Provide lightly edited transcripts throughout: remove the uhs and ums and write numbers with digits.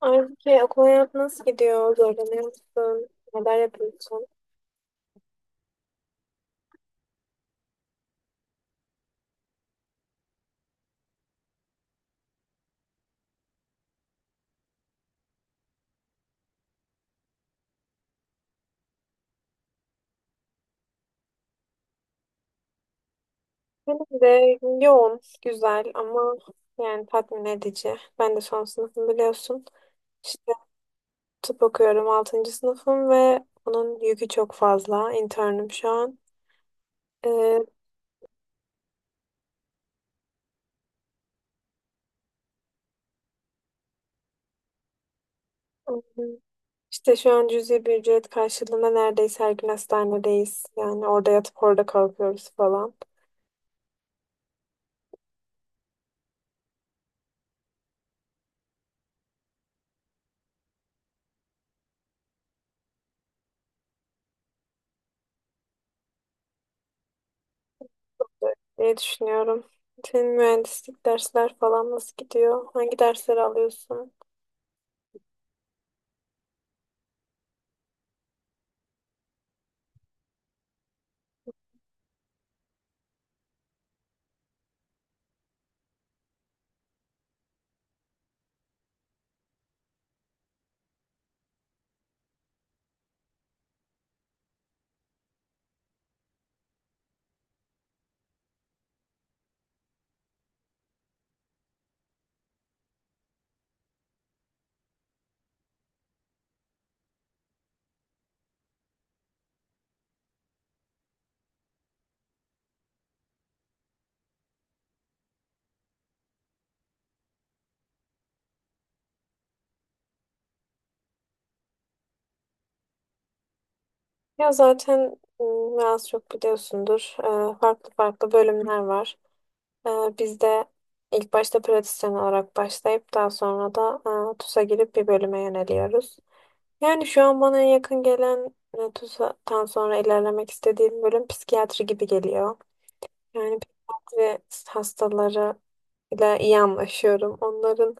Halbuki okul hayatı nasıl gidiyor? Zorlanıyor musun? Neler yapıyorsun? Benim de yoğun, güzel ama yani tatmin edici. Ben de son sınıfım biliyorsun. İşte tıp okuyorum, altıncı sınıfım ve onun yükü çok fazla. İnternim şu an. Ee, İşte şu an cüzi bir ücret karşılığında neredeyse her gün hastanedeyiz. Yani orada yatıp orada kalkıyoruz falan. Ne düşünüyorum. Senin mühendislik dersler falan nasıl gidiyor? Hangi dersleri alıyorsun? Ya zaten biraz çok biliyorsundur. Farklı farklı bölümler var. Ee, Biz de ilk başta pratisyen olarak başlayıp daha sonra da TUS'a girip bir bölüme yöneliyoruz. Yani şu an bana en yakın gelen TUS'tan sonra ilerlemek istediğim bölüm psikiyatri gibi geliyor. Yani psikiyatri hastaları ile iyi anlaşıyorum. Onların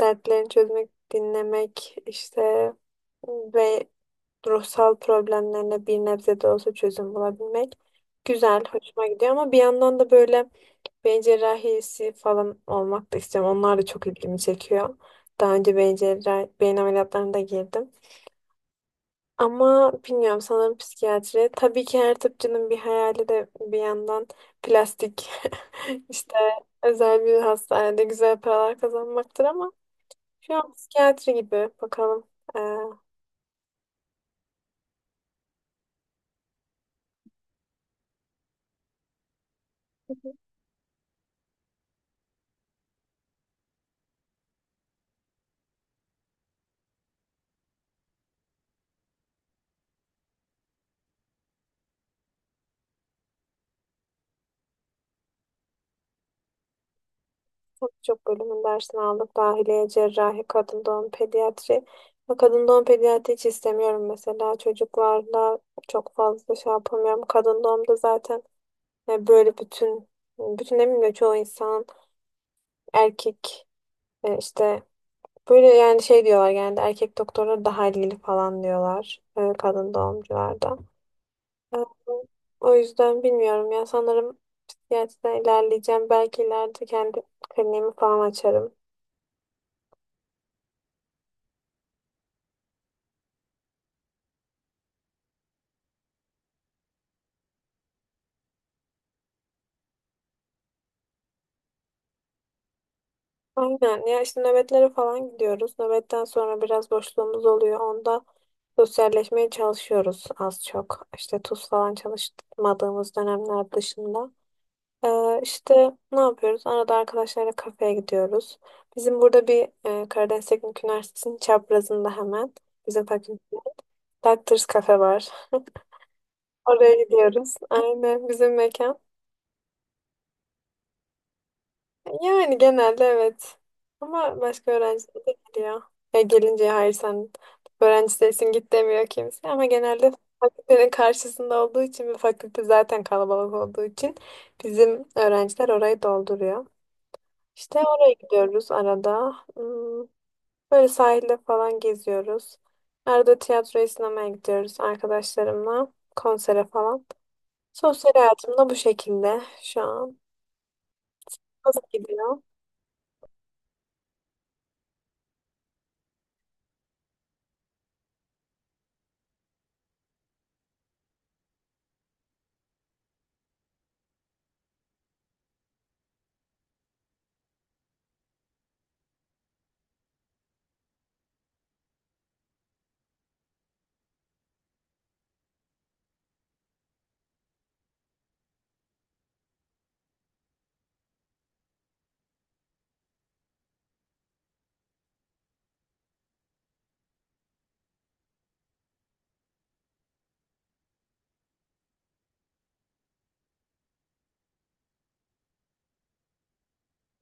dertlerini çözmek, dinlemek, işte, ve ruhsal problemlerine bir nebze de olsa çözüm bulabilmek güzel, hoşuma gidiyor, ama bir yandan da böyle beyin cerrahisi falan olmak da istiyorum. Onlar da çok ilgimi çekiyor. Daha önce beyin cerrahi, beyin ameliyatlarına da girdim. Ama bilmiyorum, sanırım psikiyatri. Tabii ki her tıpçının bir hayali de bir yandan plastik işte özel bir hastanede güzel paralar kazanmaktır, ama şu an psikiyatri gibi, bakalım. Ee, Pek çok bölümün dersini aldık. Dahiliye, cerrahi, kadın doğum, pediatri. Ve kadın doğum pediatri hiç istemiyorum mesela. Çocuklarla çok fazla şey yapamıyorum. Kadın doğumda zaten, böyle bütün eminim de çoğu insan erkek, işte, böyle, yani şey diyorlar, genelde erkek doktorlar daha ilgili falan diyorlar, kadın doğumcularda. E, O yüzden bilmiyorum ya, sanırım psikiyatriden ilerleyeceğim. Belki ileride kendi kliniğimi falan açarım. Aynen ya, işte nöbetlere falan gidiyoruz. Nöbetten sonra biraz boşluğumuz oluyor. Onda sosyalleşmeye çalışıyoruz az çok. İşte tuz falan çalışmadığımız dönemler dışında. İşte ne yapıyoruz? Arada arkadaşlarla kafeye gidiyoruz. Bizim burada bir, Karadeniz Teknik Üniversitesi'nin çaprazında, hemen bizim fakülte, Doctors Cafe var. Oraya gidiyoruz. Aynen, bizim mekan. Yani genelde evet. Ama başka öğrenciler de geliyor. Ya gelince hayır sen öğrenci değilsin git demiyor kimse. Ama genelde fakültenin karşısında olduğu için ve fakülte zaten kalabalık olduğu için bizim öğrenciler orayı dolduruyor. İşte oraya gidiyoruz arada. Hmm. Böyle sahilde falan geziyoruz. Arada tiyatroya, sinemaya gidiyoruz arkadaşlarımla. Konsere falan. Sosyal hayatım da bu şekilde şu an. Nasıl gidiyor?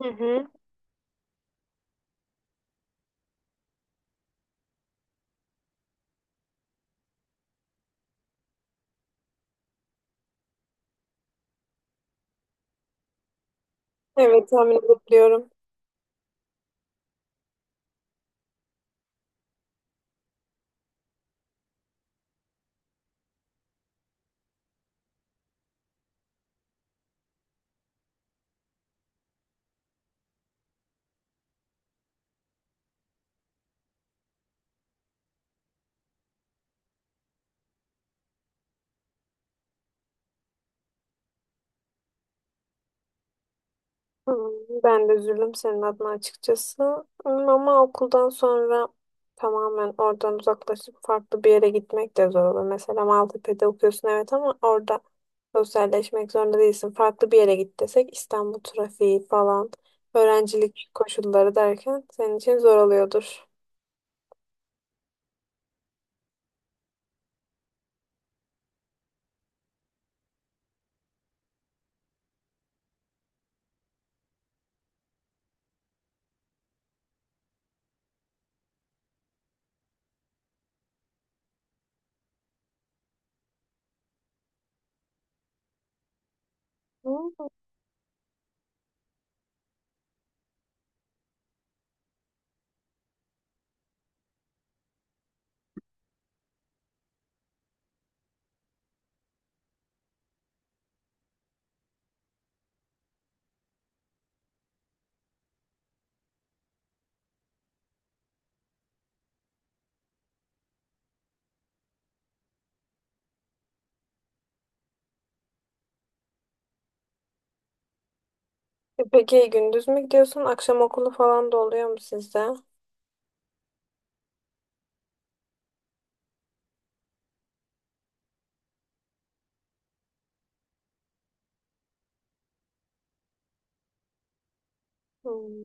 Hı hı. Evet, tahmin edebiliyorum. Hmm. Ben de üzüldüm senin adına açıkçası. Hmm. Ama okuldan sonra tamamen oradan uzaklaşıp farklı bir yere gitmek de zor olur. Mesela Maltepe'de okuyorsun evet, ama orada sosyalleşmek zorunda değilsin. Farklı bir yere git desek, İstanbul trafiği falan, öğrencilik koşulları derken senin için zor oluyordur. Hmm. E peki gündüz mü gidiyorsun? Akşam okulu falan da oluyor mu sizde? Hmm.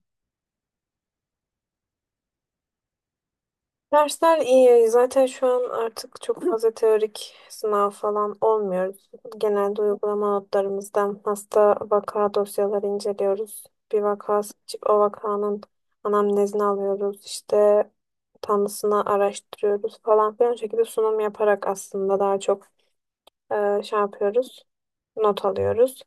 Dersler iyi. Zaten şu an artık çok fazla teorik sınav falan olmuyoruz. Genelde uygulama notlarımızdan hasta vaka dosyaları inceliyoruz. Bir vaka seçip o vakanın anamnezini alıyoruz. İşte tanısını araştırıyoruz falan filan şekilde sunum yaparak aslında daha çok şey yapıyoruz. Not alıyoruz.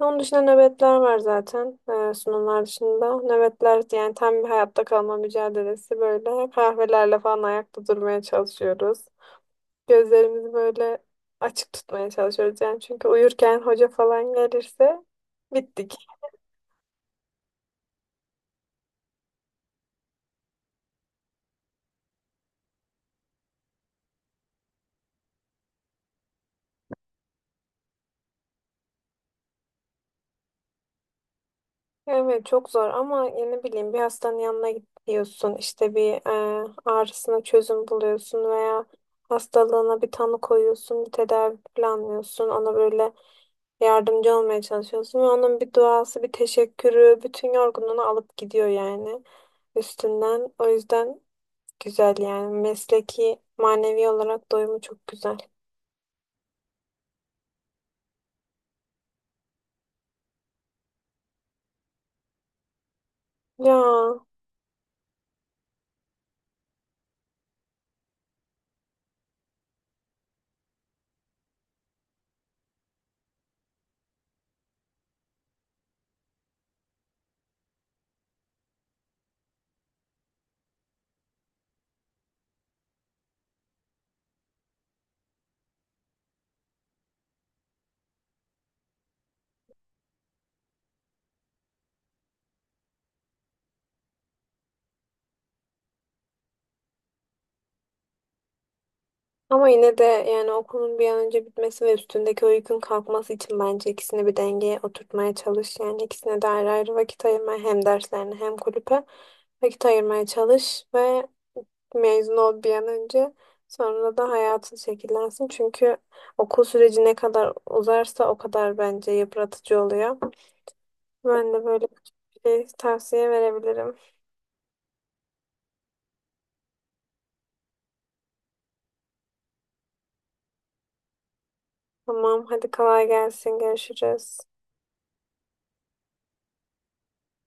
Onun dışında nöbetler var zaten. Sunumlar dışında. Nöbetler yani tam bir hayatta kalma mücadelesi böyle. Kahvelerle falan ayakta durmaya çalışıyoruz. Gözlerimizi böyle açık tutmaya çalışıyoruz yani. Çünkü uyurken hoca falan gelirse bittik. Evet çok zor, ama ya ne bileyim, bir hastanın yanına gidiyorsun, işte bir, ağrısına çözüm buluyorsun veya hastalığına bir tanı koyuyorsun, bir tedavi planlıyorsun, ona böyle yardımcı olmaya çalışıyorsun ve onun bir duası bir teşekkürü bütün yorgunluğunu alıp gidiyor yani üstünden. O yüzden güzel yani, mesleki manevi olarak doyumu çok güzel. Ya, ama yine de yani okulun bir an önce bitmesi ve üstündeki o yükün kalkması için bence ikisini bir dengeye oturtmaya çalış. Yani ikisine de ayrı ayrı vakit ayırma, hem derslerine hem kulüpe vakit ayırmaya çalış ve mezun ol bir an önce. Sonra da hayatın şekillensin. Çünkü okul süreci ne kadar uzarsa o kadar bence yıpratıcı oluyor. Ben de böyle küçük bir şey tavsiye verebilirim. Tamam, hadi kolay gelsin. Görüşürüz.